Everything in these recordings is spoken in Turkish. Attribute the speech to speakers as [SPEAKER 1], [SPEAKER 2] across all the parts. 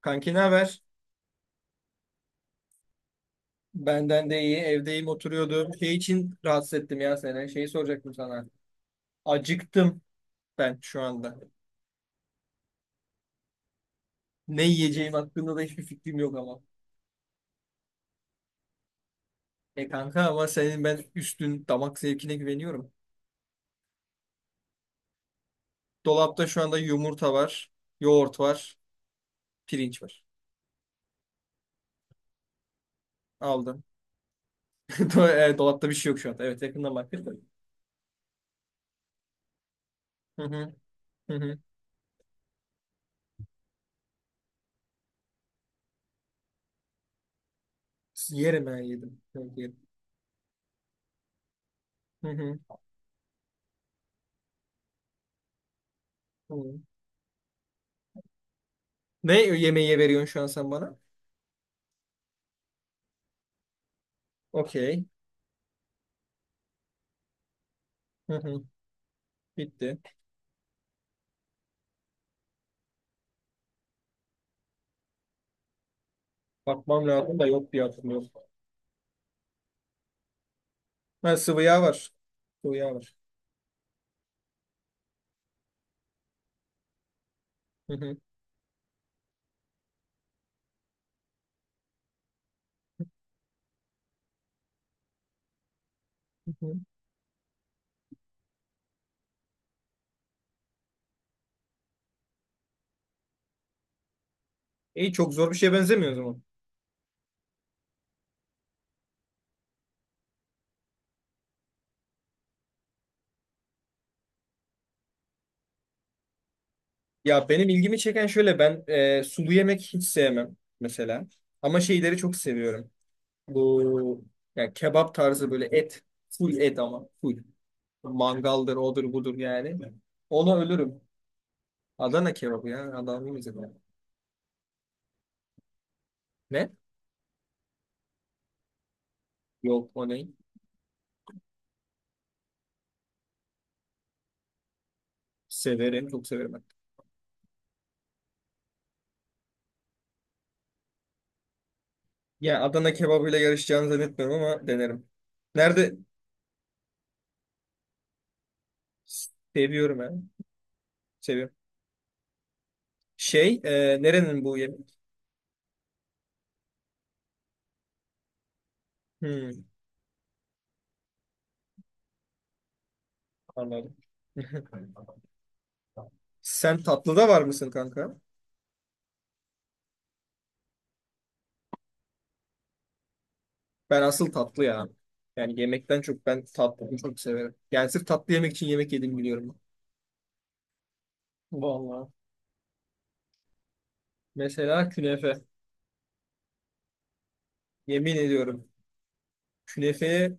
[SPEAKER 1] Kanki ne haber? Benden de iyi. Evdeyim oturuyordum. Şey için rahatsız ettim ya seni. Şeyi soracaktım sana. Acıktım ben şu anda. Ne yiyeceğim hakkında da hiçbir fikrim yok ama. E kanka ama senin ben üstün damak zevkine güveniyorum. Dolapta şu anda yumurta var, yoğurt var, pirinç var. Aldım. Do- Dolapta bir şey yok şu anda. Evet yakından baktım. Da. Hı hı, hı hı. Yerim ben yedim. Evet, yerim. Hı hı. Hı. Ne yemeği veriyorsun şu an sen bana? Okey. Hı hı. Bitti. Bakmam lazım da yok diye hatırlıyorum. Ha sıvı yağ var. Sıvı yağ var. Hı hı, hı hı. İyi, çok zor bir şeye benzemiyor o zaman. Ya benim ilgimi çeken şöyle, ben sulu yemek hiç sevmem mesela. Ama şeyleri çok seviyorum. Bu, yani kebap tarzı, böyle et. Full et, ama full. Mangaldır, odur budur yani. Ona ölürüm. Adana kebabı ya. Adana bize... Ne? Yok, o ne? Severim, çok severim ben. Ya Adana kebabıyla yarışacağını zannetmiyorum ama denerim. Nerede... Seviyorum ben. Seviyorum. Nerenin bu yemek? Hmm, anladım. Sen tatlıda var mısın kanka? Ben asıl tatlı ya. Yani yemekten çok ben tatlıyı çok severim. Yani sırf tatlı yemek için yemek yedim, biliyorum. Vallahi. Mesela künefe. Yemin ediyorum. Künefe,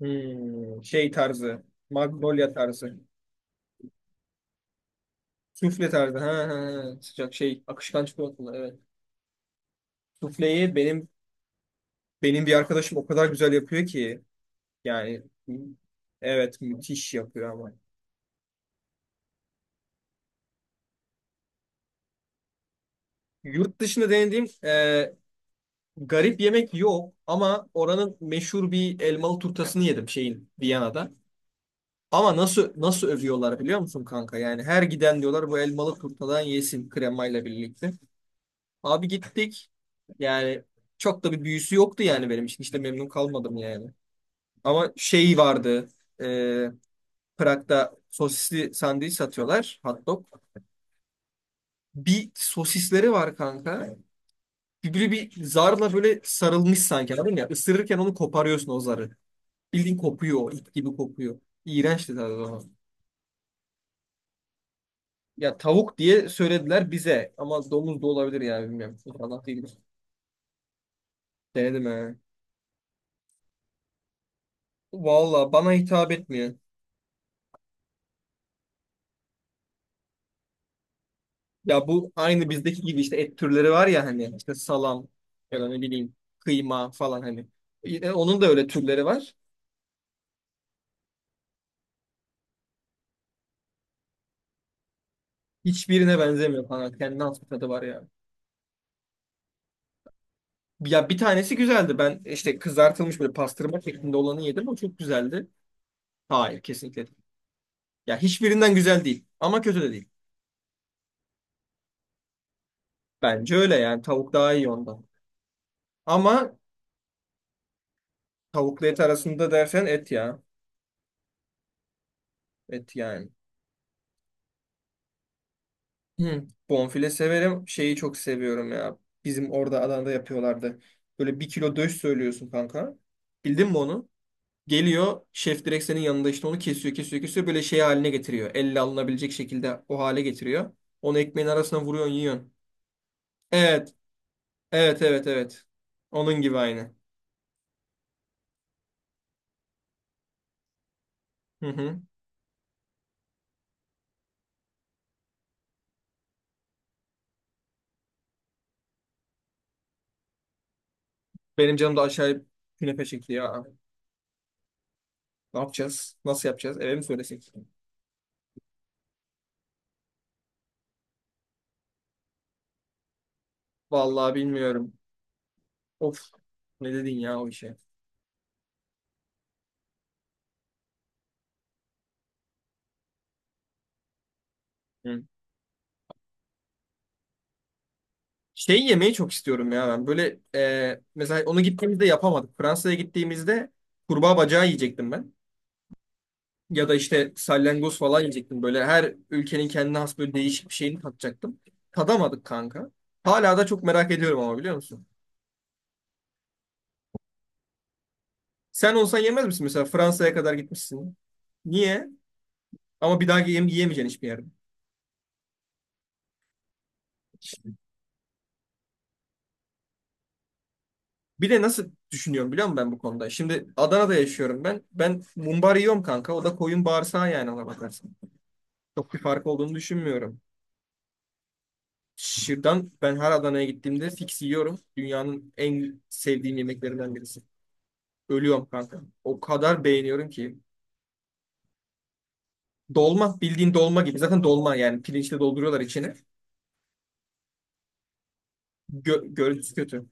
[SPEAKER 1] hmm, şey tarzı. Magnolia tarzı. Sufle tarzı. Ha, ha, ha. Sıcak şey. Akışkan çikolatalı. Evet. Sufleyi benim... Benim bir arkadaşım o kadar güzel yapıyor ki. Yani evet, müthiş yapıyor ama. Yurt dışında denediğim garip yemek yok ama oranın meşhur bir elmalı turtasını yedim, şeyin, Viyana'da. Ama nasıl nasıl övüyorlar biliyor musun kanka? Yani her giden diyorlar bu elmalı turtadan yesin, kremayla birlikte. Abi gittik. Yani çok da bir büyüsü yoktu yani benim için. Hiç de memnun kalmadım yani. Ama şey vardı. E, Prag'da sosisli sandviç satıyorlar. Hot dog. Bir sosisleri var kanka. Böyle bir zarla böyle sarılmış, sanki, anladın ya. Isırırken onu koparıyorsun, o zarı. Bildiğin kopuyor, o ip gibi kopuyor. İğrençti tadı o. Ya tavuk diye söylediler bize ama domuz da olabilir yani, bilmiyorum. İnşallah değildir. Denedim he. Valla bana hitap etmiyor. Ya bu aynı bizdeki gibi işte, et türleri var ya, hani işte salam ya da ne bileyim kıyma falan hani. Onun da öyle türleri var. Hiçbirine benzemiyor falan. Kendine has bir tadı var ya. Ya bir tanesi güzeldi. Ben işte kızartılmış böyle pastırma şeklinde olanı yedim. O çok güzeldi. Hayır, kesinlikle değil. Ya hiçbirinden güzel değil. Ama kötü de değil. Bence öyle yani. Tavuk daha iyi ondan. Ama tavukla et arasında dersen, et ya. Et yani. Hı. Bonfile severim. Şeyi çok seviyorum ya. Bizim orada Adana'da yapıyorlardı. Böyle bir kilo döş söylüyorsun kanka. Bildin mi onu? Geliyor şef direkt senin yanında, işte onu kesiyor kesiyor kesiyor, böyle şey haline getiriyor. Elle alınabilecek şekilde o hale getiriyor. Onu ekmeğin arasına vuruyorsun, yiyorsun. Evet, evet evet evet. Onun gibi, aynı. Hı hı. Benim canım da aşağıya künefe çekti ya. Ne yapacağız? Nasıl yapacağız? Eve mi söylesek? Vallahi bilmiyorum. Of, ne dedin ya o işe. Hı. Şey yemeyi çok istiyorum ya ben. Böyle mesela, onu gittiğimizde yapamadık. Fransa'ya gittiğimizde kurbağa bacağı yiyecektim ben. Ya da işte salyangoz falan yiyecektim. Böyle her ülkenin kendine has böyle değişik bir şeyini tatacaktım. Tadamadık kanka. Hala da çok merak ediyorum ama, biliyor musun? Sen olsan yemez misin mesela, Fransa'ya kadar gitmişsin. Niye? Ama bir daha yem yiyemeyeceksin hiçbir yerde. Bir de nasıl düşünüyorum biliyor musun ben bu konuda? Şimdi Adana'da yaşıyorum ben. Ben mumbar yiyorum kanka. O da koyun bağırsağı yani, ona bakarsan. Çok bir fark olduğunu düşünmüyorum. Şırdan, ben her Adana'ya gittiğimde fix yiyorum. Dünyanın en sevdiğim yemeklerinden birisi. Ölüyorum kanka. O kadar beğeniyorum ki. Dolma, bildiğin dolma gibi. Zaten dolma yani, pirinçle dolduruyorlar içini. Görüntüsü kötü.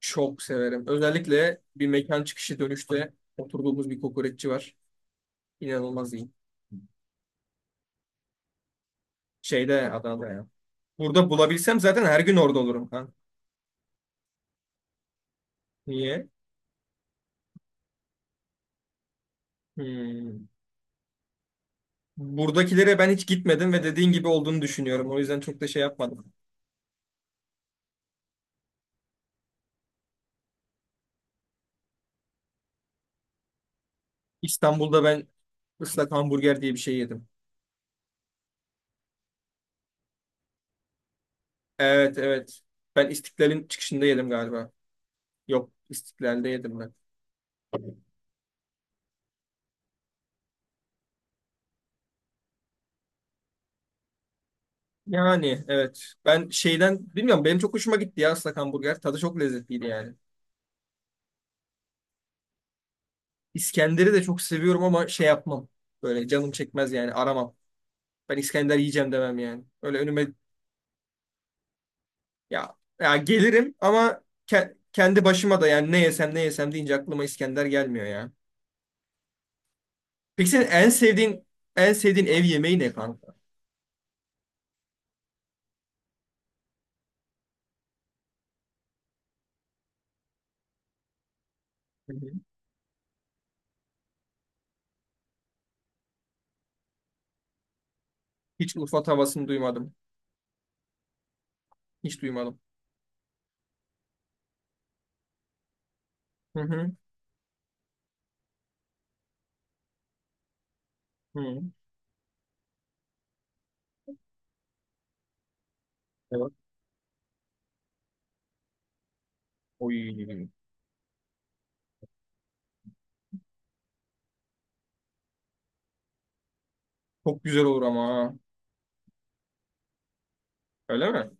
[SPEAKER 1] Çok severim. Özellikle bir mekan çıkışı dönüşte oturduğumuz bir kokoreççi var. İnanılmaz iyi. Şeyde, Adana'da ya. Burada bulabilsem zaten her gün orada olurum kanka. Niye? Hmm. Buradakilere ben hiç gitmedim ve dediğin gibi olduğunu düşünüyorum. O yüzden çok da şey yapmadım. İstanbul'da ben ıslak hamburger diye bir şey yedim. Evet, evet. Ben İstiklal'in çıkışında yedim galiba. Yok, İstiklal'de yedim ben. Yani evet, ben şeyden bilmiyorum, benim çok hoşuma gitti ya ıslak hamburger. Tadı çok lezzetliydi yani. İskender'i de çok seviyorum ama şey yapmam. Böyle canım çekmez yani, aramam. Ben İskender yiyeceğim demem yani. Öyle önüme... ya, ya gelirim ama kendi başıma da yani, ne yesem ne yesem deyince aklıma İskender gelmiyor ya. Peki senin en sevdiğin en sevdiğin ev yemeği ne kanka? Hı hı. Hiç Urfa tavasını duymadım. Hiç duymadım. Hı hı. Hı. Evet. Oy. Çok güzel olur ama ha. Öyle mi?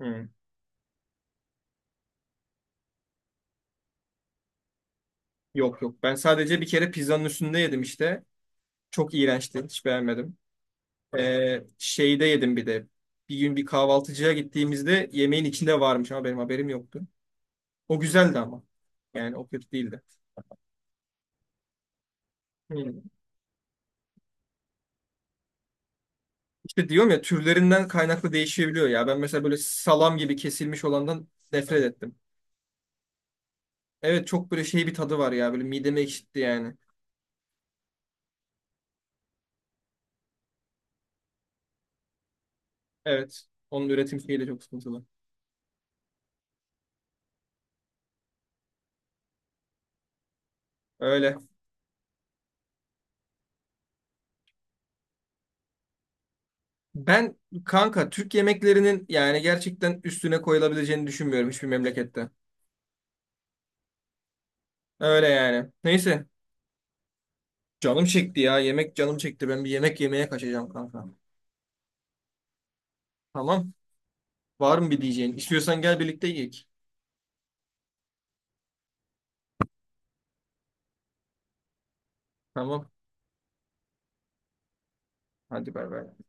[SPEAKER 1] Hı. Yok yok. Ben sadece bir kere pizzanın üstünde yedim işte. Çok iğrençti. Hiç beğenmedim. Şeyde yedim bir de. Bir gün bir kahvaltıcıya gittiğimizde yemeğin içinde varmış ama benim haberim yoktu. O güzeldi ama. Yani o kötü değildi. Hı. İşte diyorum ya, türlerinden kaynaklı değişebiliyor ya. Ben mesela böyle salam gibi kesilmiş olandan nefret ettim. Evet, çok böyle şey bir tadı var ya. Böyle mideme ekşitti yani. Evet. Onun üretim şeyi de çok sıkıntılı. Öyle. Ben kanka Türk yemeklerinin yani gerçekten üstüne koyulabileceğini düşünmüyorum hiçbir memlekette. Öyle yani. Neyse. Canım çekti ya. Yemek canım çekti. Ben bir yemek yemeye kaçacağım kanka. Tamam. Var mı bir diyeceğin? İstiyorsan gel, birlikte yiyek. Tamam. Hadi bay bay.